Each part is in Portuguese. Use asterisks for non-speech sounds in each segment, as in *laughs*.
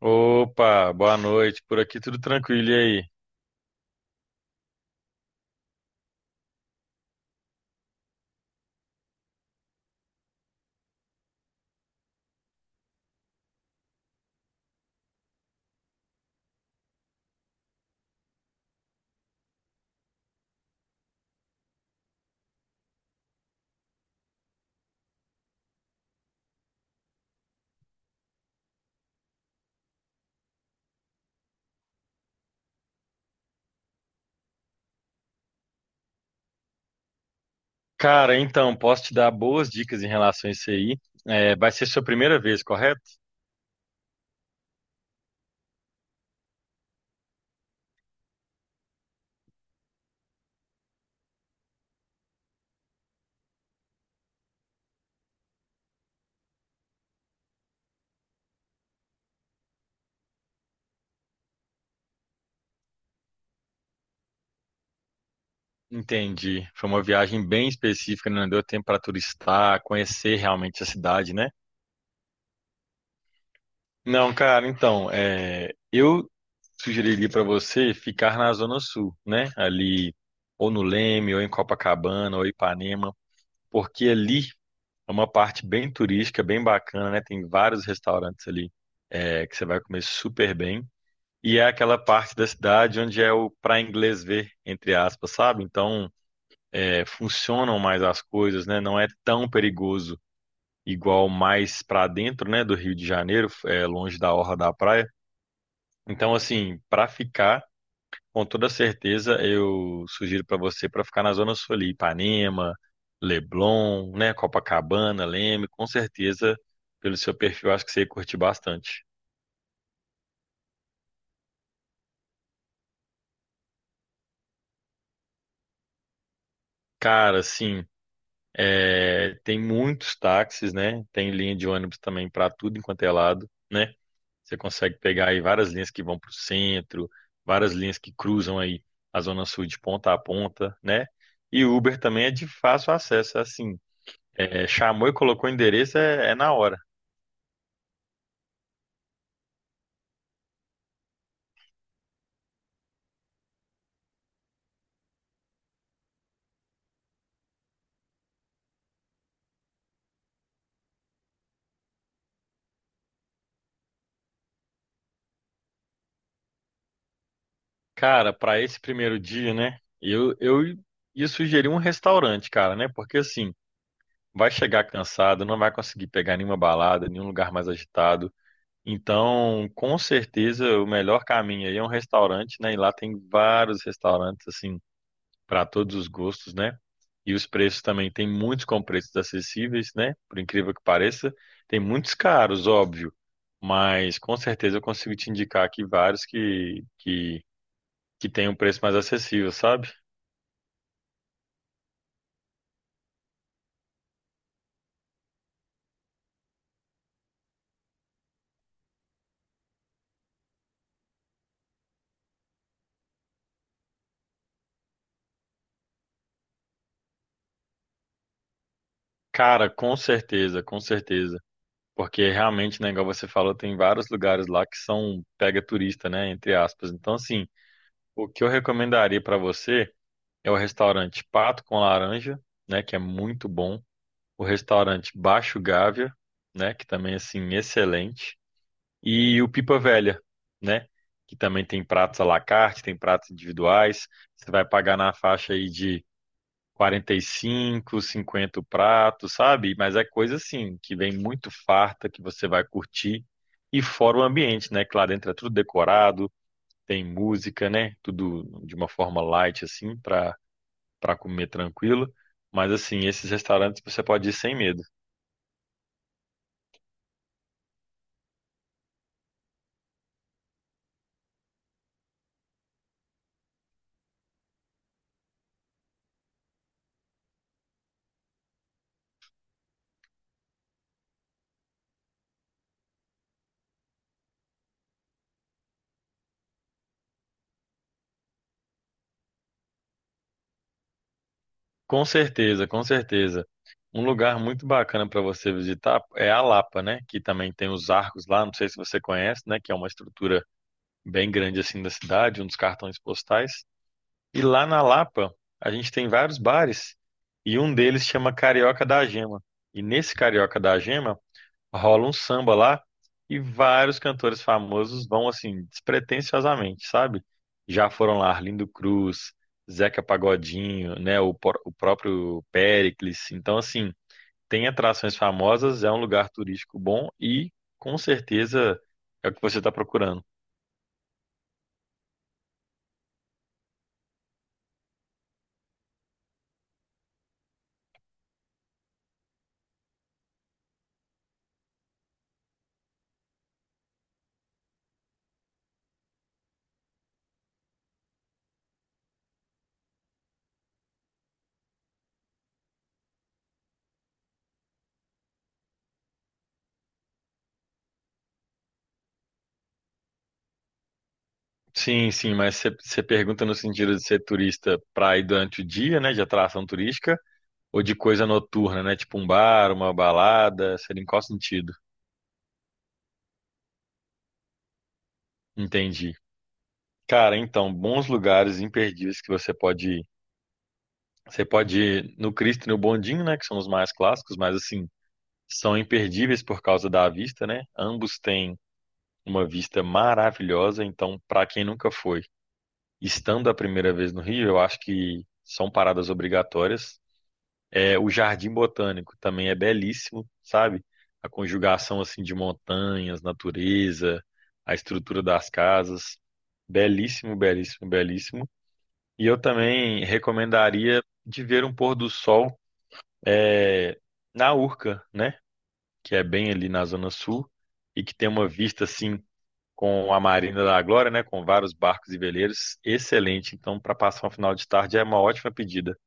Opa, boa noite. Por aqui tudo tranquilo, e aí? Cara, então, posso te dar boas dicas em relação a isso aí. Vai ser sua primeira vez, correto? Entendi. Foi uma viagem bem específica, não deu tempo para turistar, conhecer realmente a cidade, né? Não, cara, então, eu sugeriria para você ficar na Zona Sul, né? Ali, ou no Leme, ou em Copacabana, ou Ipanema, porque ali é uma parte bem turística, bem bacana, né? Tem vários restaurantes ali, que você vai comer super bem. E é aquela parte da cidade onde é o para inglês ver, entre aspas, sabe? Então, funcionam mais as coisas, né? Não é tão perigoso igual mais para dentro, né, do Rio de Janeiro, longe da orla da praia. Então, assim, para ficar com toda certeza, eu sugiro para você para ficar na Zona Sul ali, Ipanema, Leblon, né, Copacabana, Leme, com certeza, pelo seu perfil, acho que você ia curtir bastante. Cara, assim, tem muitos táxis, né? Tem linha de ônibus também para tudo enquanto é lado, né? Você consegue pegar aí várias linhas que vão para o centro, várias linhas que cruzam aí a Zona Sul de ponta a ponta, né? E Uber também é de fácil acesso, assim. É, chamou e colocou o endereço, é na hora. Cara, para esse primeiro dia, né? Eu ia sugerir um restaurante, cara, né? Porque assim, vai chegar cansado, não vai conseguir pegar nenhuma balada, nenhum lugar mais agitado. Então, com certeza, o melhor caminho aí é um restaurante, né? E lá tem vários restaurantes, assim, para todos os gostos, né? E os preços também, tem muitos com preços acessíveis, né? Por incrível que pareça, tem muitos caros, óbvio. Mas com certeza eu consigo te indicar aqui vários que tem um preço mais acessível, sabe? Cara, com certeza, com certeza. Porque realmente, né, igual você falou, tem vários lugares lá que são pega turista, né, entre aspas. Então, assim, o que eu recomendaria pra você é o restaurante Pato com Laranja, né, que é muito bom. O restaurante Baixo Gávea, né, que também, assim, excelente. E o Pipa Velha, né, que também tem pratos à la carte, tem pratos individuais. Você vai pagar na faixa aí de 45, 50 o prato, sabe? Mas é coisa assim, que vem muito farta, que você vai curtir. E fora o ambiente, né? Claro, dentro é tudo decorado, tem música, né? Tudo de uma forma light, assim, para para comer tranquilo. Mas, assim, esses restaurantes você pode ir sem medo. Com certeza, com certeza. Um lugar muito bacana para você visitar é a Lapa, né? Que também tem os arcos lá, não sei se você conhece, né? Que é uma estrutura bem grande, assim, da cidade, um dos cartões postais. E lá na Lapa, a gente tem vários bares e um deles chama Carioca da Gema. E nesse Carioca da Gema rola um samba lá e vários cantores famosos vão assim despretensiosamente, sabe? Já foram lá Arlindo Cruz, Zeca Pagodinho, né, o, o próprio Péricles. Então assim, tem atrações famosas, é um lugar turístico bom e com certeza é o que você está procurando. Sim, sim, mas você pergunta no sentido de ser turista pra ir durante o dia, né, de atração turística, ou de coisa noturna, né, tipo um bar, uma balada, seria em qual sentido? Entendi. Cara, então, bons lugares imperdíveis que você pode ir. Você pode ir no Cristo e no Bondinho, né, que são os mais clássicos, mas assim, são imperdíveis por causa da vista, né? Ambos têm uma vista maravilhosa, então, pra quem nunca foi, estando a primeira vez no Rio, eu acho que são paradas obrigatórias. É, o Jardim Botânico também é belíssimo, sabe? A conjugação assim de montanhas, natureza, a estrutura das casas, belíssimo, belíssimo, belíssimo. E eu também recomendaria de ver um pôr do sol, é, na Urca, né? Que é bem ali na Zona Sul e que tem uma vista assim com a Marina da Glória, né? Com vários barcos e veleiros, excelente. Então, para passar um final de tarde é uma ótima pedida.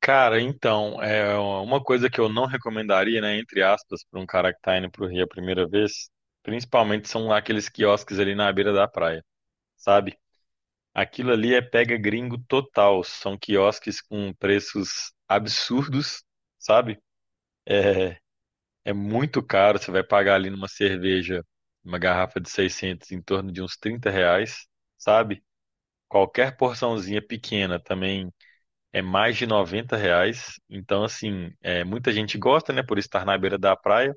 Cara, então, é uma coisa que eu não recomendaria, né, entre aspas, para um cara que tá indo pro Rio a primeira vez, principalmente são aqueles quiosques ali na beira da praia, sabe? Aquilo ali é pega gringo total, são quiosques com preços absurdos, sabe? É, é muito caro, você vai pagar ali numa cerveja, uma garrafa de 600 em torno de uns R$ 30, sabe? Qualquer porçãozinha pequena também é mais de R$ 90. Então, assim, muita gente gosta, né, por estar na beira da praia,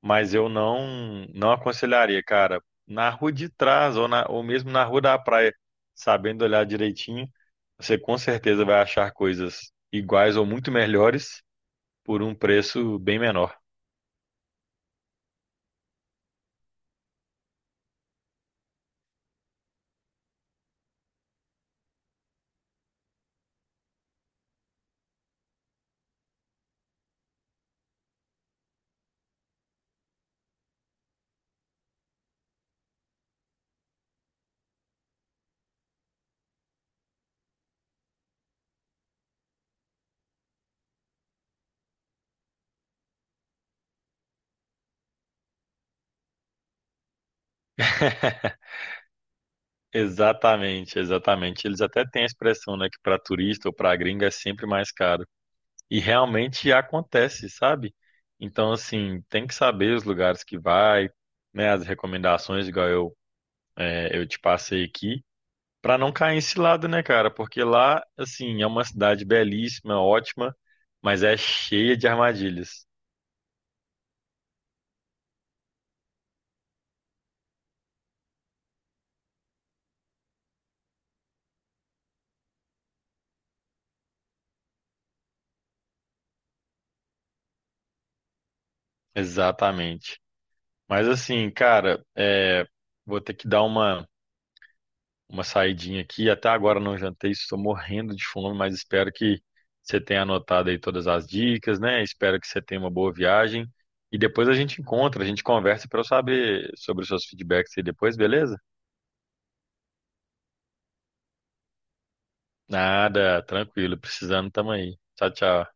mas eu não aconselharia, cara, na rua de trás ou, ou mesmo na rua da praia, sabendo olhar direitinho, você com certeza vai achar coisas iguais ou muito melhores por um preço bem menor. *laughs* Exatamente, exatamente. Eles até têm a expressão, né, que para turista ou para gringa é sempre mais caro. E realmente acontece, sabe? Então, assim, tem que saber os lugares que vai, né? As recomendações, igual eu, eu te passei aqui, para não cair em cilada, né, cara? Porque lá, assim, é uma cidade belíssima, ótima, mas é cheia de armadilhas. Exatamente. Mas, assim, cara, vou ter que dar uma. Uma saidinha aqui. Até agora não jantei, estou morrendo de fome, mas espero que você tenha anotado aí todas as dicas, né? Espero que você tenha uma boa viagem. E depois a gente encontra, a gente conversa para eu saber sobre os seus feedbacks aí depois, beleza? Nada, tranquilo, precisando, tamo aí. Tchau, tchau.